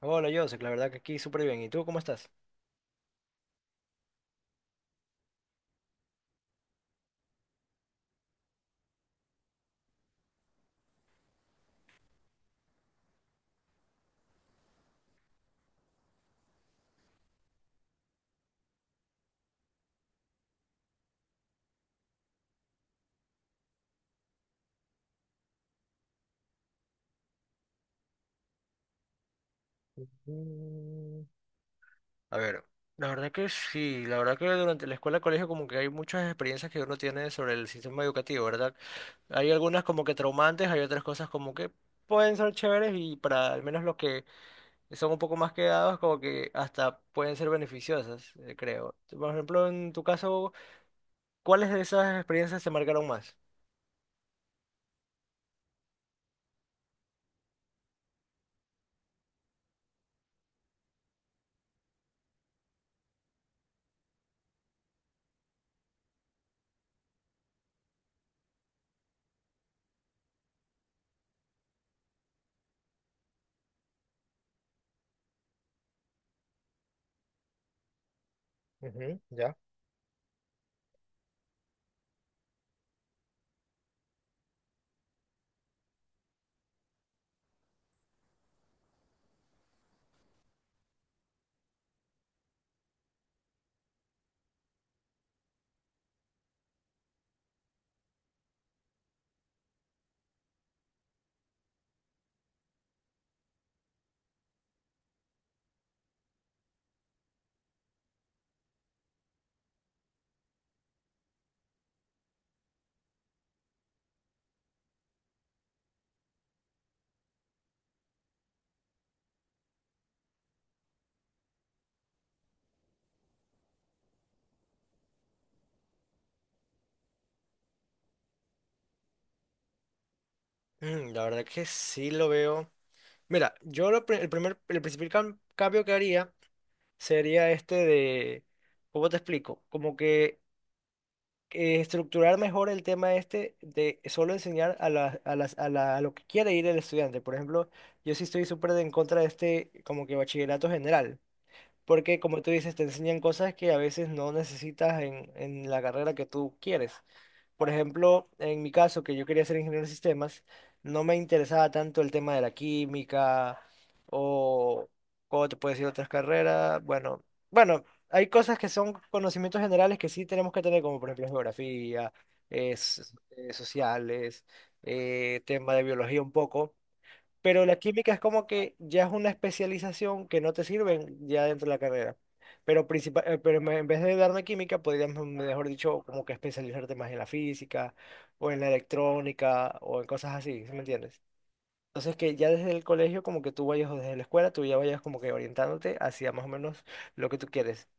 Hola, Joseph, la verdad que aquí súper bien. ¿Y tú cómo estás? Mm, A ver, la verdad que sí, la verdad que durante la escuela, colegio, como que hay muchas experiencias que uno tiene sobre el sistema educativo, ¿verdad? Hay algunas como que traumantes, hay otras cosas como que pueden ser chéveres y para al menos los que son un poco más quedados, como que hasta pueden ser beneficiosas, creo. Por ejemplo, en tu caso, ¿cuáles de esas experiencias te marcaron más? Ujú, ya. La verdad que sí lo veo. Mira, el primer, el principal cambio que haría sería este de, ¿cómo te explico? Como que estructurar mejor el tema este de solo enseñar a la- a las, a la- a lo que quiere ir el estudiante. Por ejemplo, yo sí estoy súper en contra de este como que bachillerato general, porque como tú dices, te enseñan cosas que a veces no necesitas en la carrera que tú quieres. Por ejemplo, en mi caso, que yo quería ser ingeniero de sistemas, no me interesaba tanto el tema de la química o cómo te puedes decir otras carreras. Bueno, bueno, hay cosas que son conocimientos generales que sí tenemos que tener, como por ejemplo geografía, eh, s- sociales, tema de biología un poco. Pero la química es como que ya es una especialización que no te sirven ya dentro de la carrera. Pero, principal, pero en vez de darme química, podrías, mejor dicho, como que especializarte más en la física o en la electrónica o en cosas así, ¿sí me entiendes? Entonces que ya desde el colegio, como que tú vayas o desde la escuela, tú ya vayas como que orientándote hacia más o menos lo que tú quieres.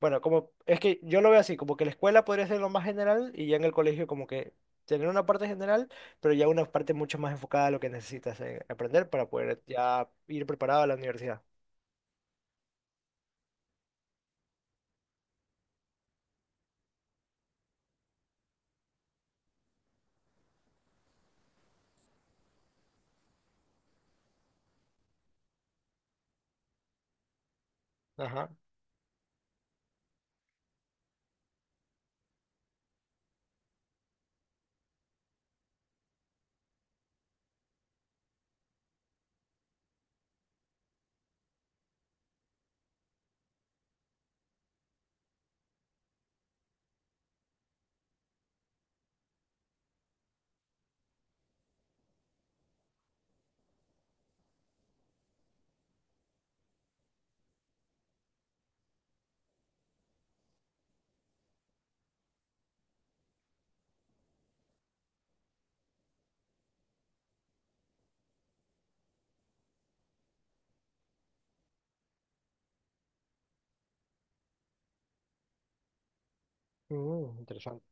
Bueno, como es que yo lo veo así, como que la escuela podría ser lo más general y ya en el colegio como que tener una parte general, pero ya una parte mucho más enfocada a lo que necesitas aprender para poder ya ir preparado a la universidad. Ajá. Mm, interesante.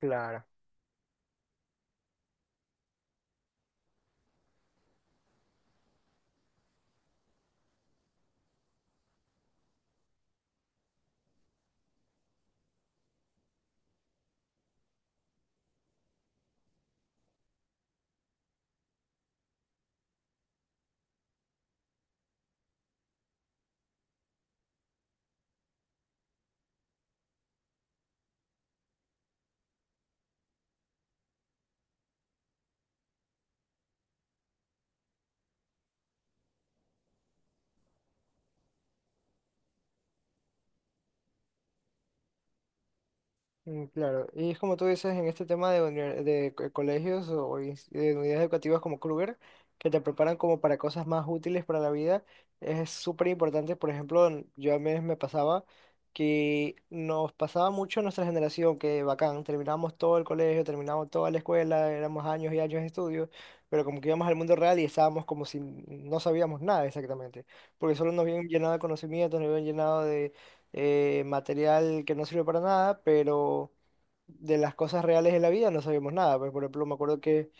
Claro. Mm, claro, y es como tú dices en este tema de, colegios o de unidades educativas como Kruger, que te preparan como para cosas más útiles para la vida, es súper importante. Por ejemplo, yo a mí me pasaba, que nos pasaba mucho en nuestra generación, que bacán, terminamos todo el colegio, terminamos toda la escuela, éramos años y años de estudio, pero como que íbamos al mundo real y estábamos como si no sabíamos nada exactamente, porque solo nos habían llenado de conocimientos, nos habían llenado material que no sirve para nada, pero de las cosas reales de la vida no sabemos nada. Pues, por ejemplo, me acuerdo que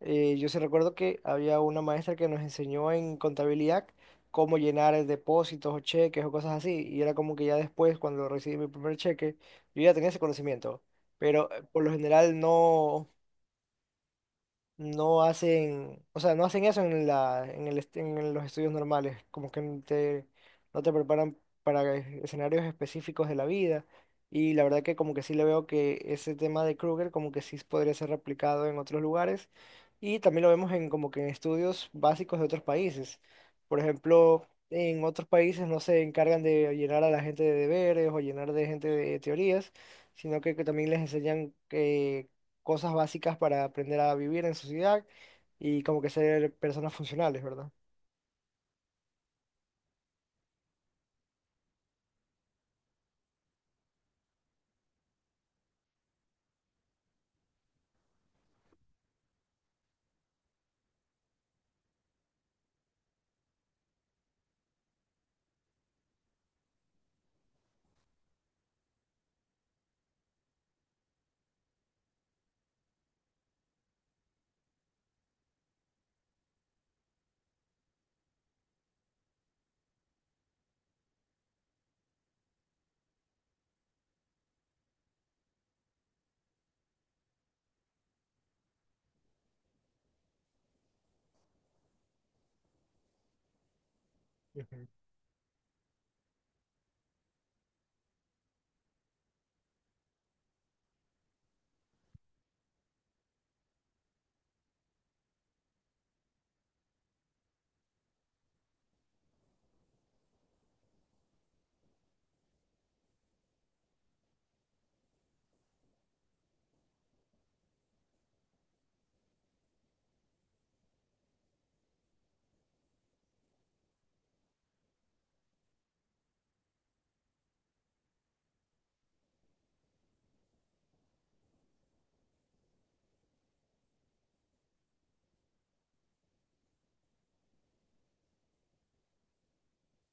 yo sí recuerdo que había una maestra que nos enseñó en contabilidad cómo llenar depósitos o cheques o cosas así, y era como que ya después, cuando recibí mi primer cheque, yo ya tenía ese conocimiento, pero por lo general no hacen, o sea, no hacen eso en en los estudios normales, como que no te preparan para escenarios específicos de la vida. Y la verdad que como que sí le veo que ese tema de Kruger como que sí podría ser replicado en otros lugares. Y también lo vemos en como que en estudios básicos de otros países. Por ejemplo, en otros países no se encargan de llenar a la gente de deberes o llenar de gente de teorías, sino que también les enseñan cosas básicas para aprender a vivir en sociedad y como que ser personas funcionales, ¿verdad? Ujú.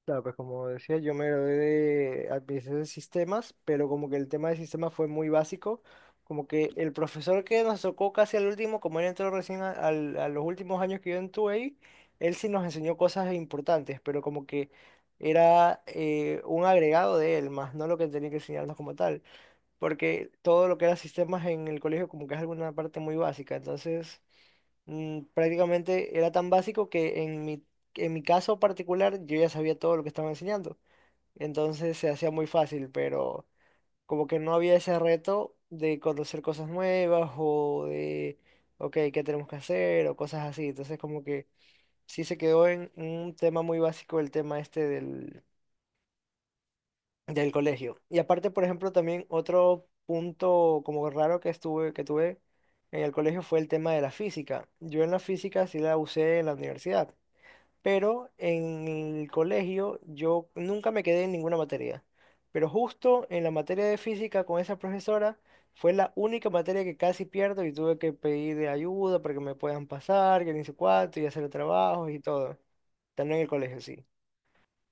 Claro, pues como decía, yo me gradué de administración de sistemas, pero como que el tema de sistemas fue muy básico, como que el profesor que nos tocó casi al último, como él entró recién a los últimos años que yo estuve ahí, él sí nos enseñó cosas importantes, pero como que era un agregado de él, más no lo que tenía que enseñarnos como tal, porque todo lo que era sistemas en el colegio como que es alguna parte muy básica. Entonces prácticamente era tan básico que en mi caso particular yo ya sabía todo lo que estaban enseñando, entonces se hacía muy fácil, pero como que no había ese reto de conocer cosas nuevas o de, ok, ¿qué tenemos que hacer? O cosas así, entonces como que sí se quedó en un tema muy básico el tema este del colegio. Y aparte, por ejemplo, también otro punto como raro que tuve en el colegio fue el tema de la física. Yo en la física sí la usé en la universidad, pero en el colegio yo nunca me quedé en ninguna materia. Pero justo en la materia de física con esa profesora fue la única materia que casi pierdo y tuve que pedir de ayuda para que me puedan pasar, que ni sé cuánto, y hacer trabajos y todo. También en el colegio, sí,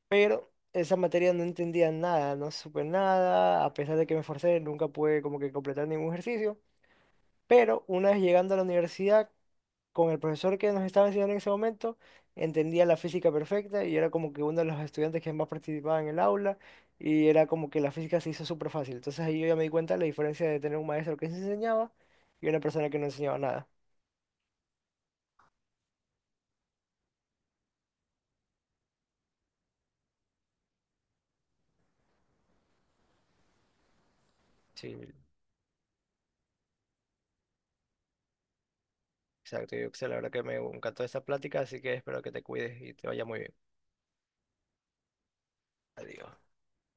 pero esa materia no entendía nada, no supe nada, a pesar de que me esforcé, nunca pude como que completar ningún ejercicio, pero una vez llegando a la universidad, con el profesor que nos estaba enseñando en ese momento, entendía la física perfecta y era como que uno de los estudiantes que más participaba en el aula, y era como que la física se hizo súper fácil. Entonces ahí yo ya me di cuenta de la diferencia de tener un maestro que se enseñaba y una persona que no enseñaba nada. Sí, exacto, yo la verdad que me encantó esta plática, así que espero que te cuides y te vaya muy bien. Adiós.